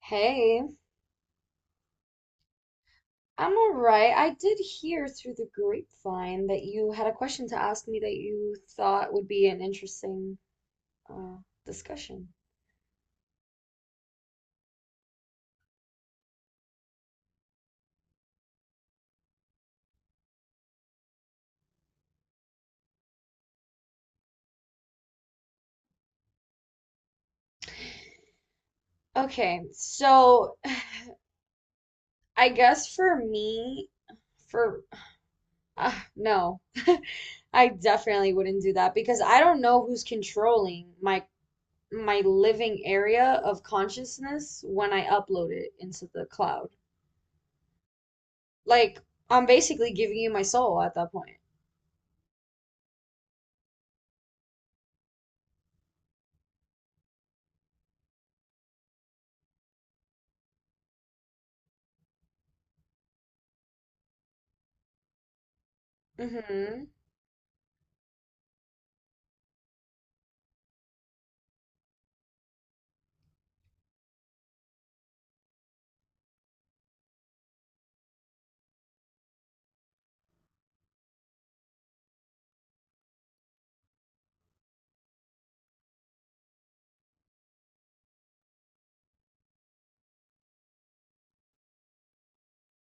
Hey, I'm all right. I did hear through the grapevine that you had a question to ask me that you thought would be an interesting uh, discussion. Okay, so I guess for me, for no, I definitely wouldn't do that because I don't know who's controlling my living area of consciousness when I upload it into the cloud. Like, I'm basically giving you my soul at that point. Mm-hmm.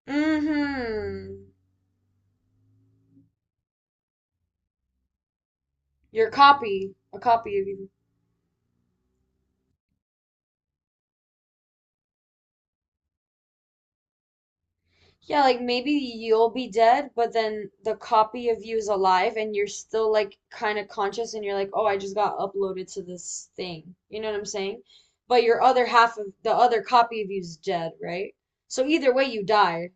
Mm-hmm. Your copy, a copy of you. Yeah, like maybe you'll be dead, but then the copy of you is alive and you're still like kind of conscious and you're like, "Oh, I just got uploaded to this thing." You know what I'm saying? But your other half of the other copy of you is dead, right? So either way you die.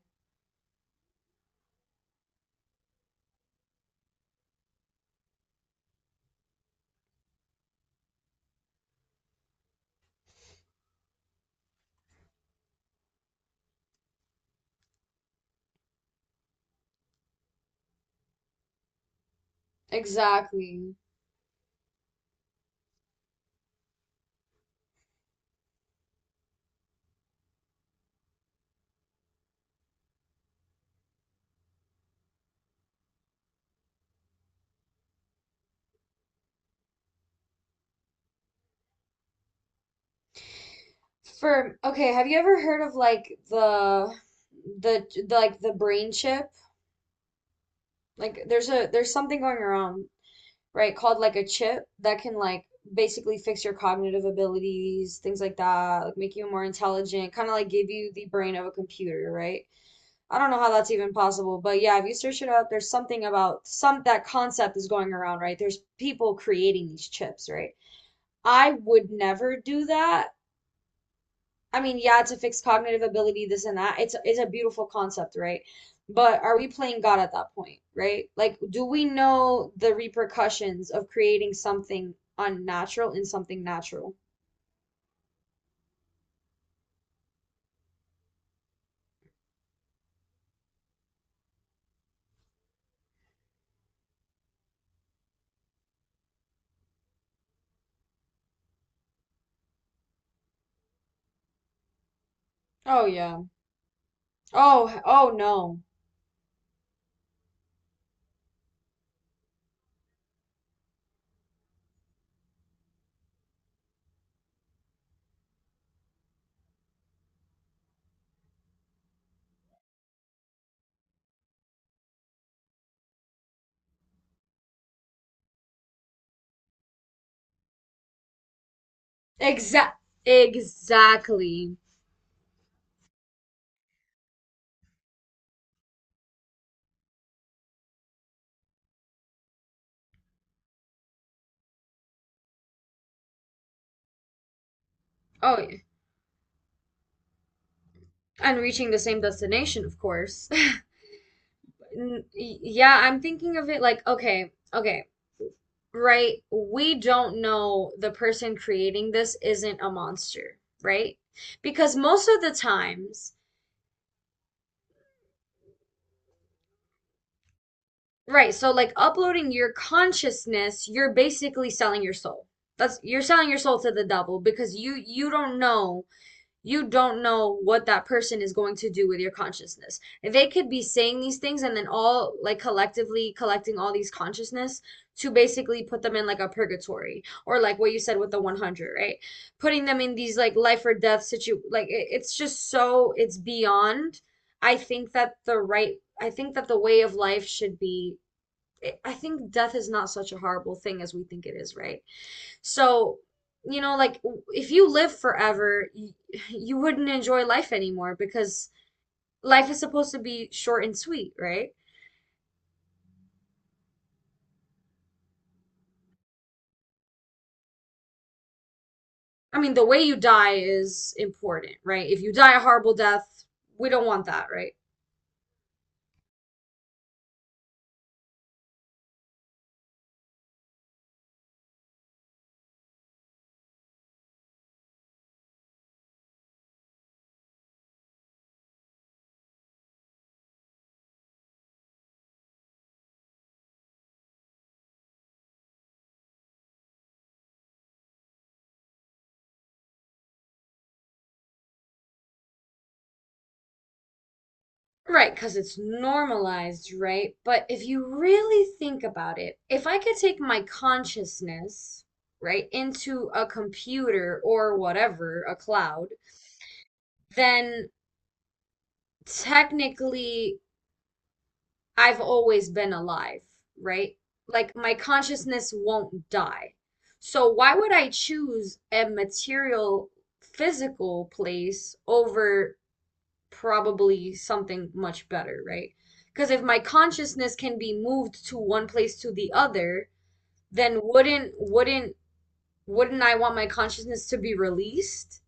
Exactly. For okay, have you ever heard of like the like the brain chip? Like there's something going around, right? Called like a chip that can like basically fix your cognitive abilities, things like that, like make you more intelligent, kind of like give you the brain of a computer, right? I don't know how that's even possible, but yeah, if you search it up, there's something about some that concept is going around, right? There's people creating these chips, right? I would never do that. I mean, yeah, to fix cognitive ability, this and that. It's a beautiful concept, right? But are we playing God at that point, right? Like, do we know the repercussions of creating something unnatural in something natural? Oh yeah. Oh oh no. Exact exactly. Oh yeah. And reaching the same destination, of course. Yeah, I'm thinking of it like, okay, okay, right? We don't know the person creating this isn't a monster, right? Because most of the times, right, so like uploading your consciousness, you're basically selling your soul. That's, you're selling your soul to the devil because you don't know, you don't know what that person is going to do with your consciousness. They could be saying these things and then all like collectively collecting all these consciousness to basically put them in like a purgatory or like what you said with the 100, right? Putting them in these like life or death situ like it, it's just so it's beyond. I think that the right I think that the way of life should be, I think death is not such a horrible thing as we think it is, right? So, you know, like if you live forever, you, you wouldn't enjoy life anymore because life is supposed to be short and sweet, right? I mean, the way you die is important, right? If you die a horrible death, we don't want that, right? Right, because it's normalized, right? But if you really think about it, if I could take my consciousness, right, into a computer or whatever, a cloud, then technically I've always been alive, right? Like my consciousness won't die. So why would I choose a material, physical place over probably something much better, right? Because if my consciousness can be moved to one place to the other, then wouldn't I want my consciousness to be released?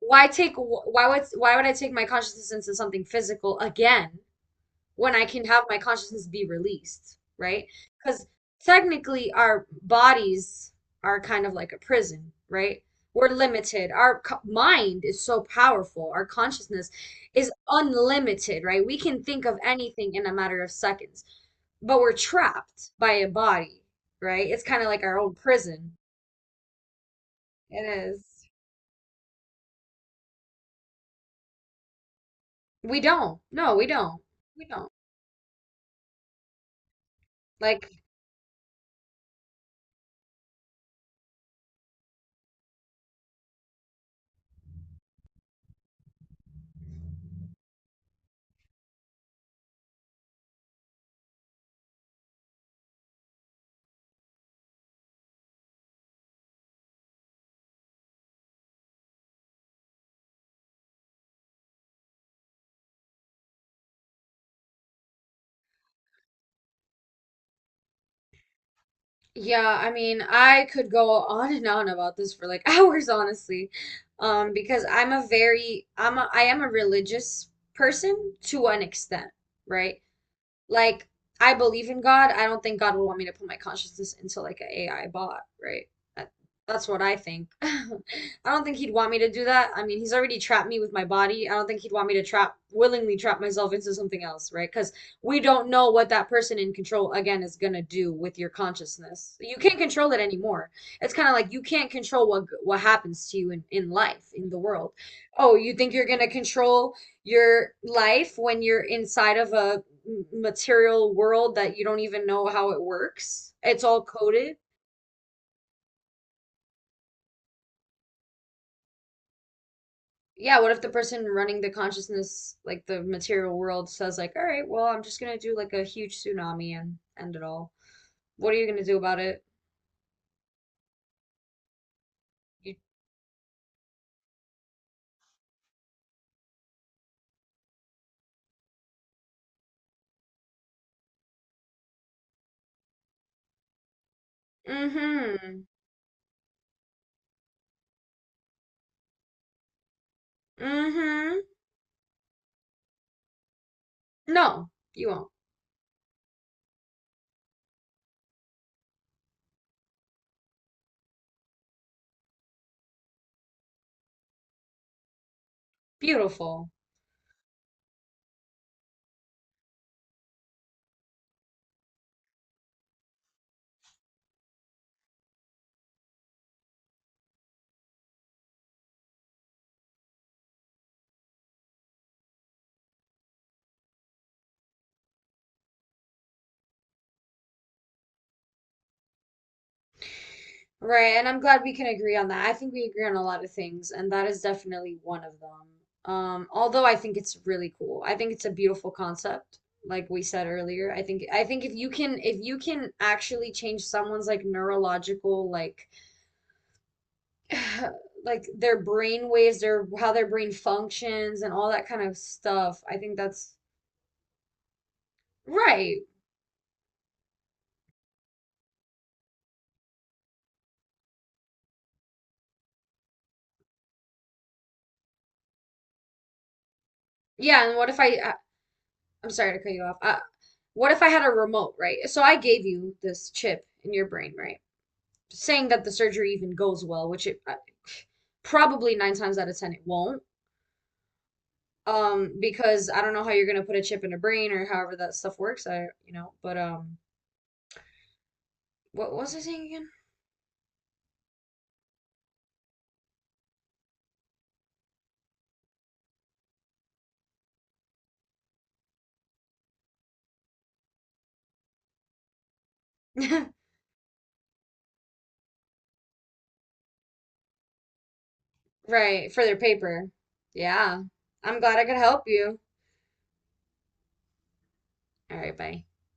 Why take, why would I take my consciousness into something physical again when I can have my consciousness be released, right? Because technically, our bodies are kind of like a prison, right? We're limited. Our mind is so powerful. Our consciousness is unlimited, right? We can think of anything in a matter of seconds, but we're trapped by a body, right? It's kind of like our own prison. It is. We don't. No, we don't. We don't. Like, yeah, I mean, I could go on and on about this for like hours, honestly. Because I'm a very I'm a I am a religious person to an extent, right? Like, I believe in God. I don't think God would want me to put my consciousness into like an a AI bot, right? That, that's what I think. I don't think he'd want me to do that. I mean, he's already trapped me with my body. I don't think he'd want me to trap, willingly trap myself into something else, right? Because we don't know what that person in control, again, is gonna do with your consciousness. You can't control it anymore. It's kind of like you can't control what happens to you in life, in the world. Oh, you think you're gonna control your life when you're inside of a material world that you don't even know how it works. It's all coded. Yeah, what if the person running the consciousness, like the material world, says like, "All right, well, I'm just gonna do like a huge tsunami and end it all." What are you gonna do about it? You, mm-hmm, mm-hmm. No, you won't. Beautiful. Right, and I'm glad we can agree on that. I think we agree on a lot of things, and that is definitely one of them. Although I think it's really cool. I think it's a beautiful concept, like we said earlier. I think if you can actually change someone's like neurological like like their brain waves, their how their brain functions and all that kind of stuff, I think that's right. Yeah, and what if I'm sorry to cut you off. What if I had a remote, right? So I gave you this chip in your brain, right? Saying that the surgery even goes well, which it probably nine times out of ten it won't. Because I don't know how you're gonna put a chip in a brain or however that stuff works. I, you know, but what was I saying again? Right, for their paper. Yeah, I'm glad I could help you. All right, bye.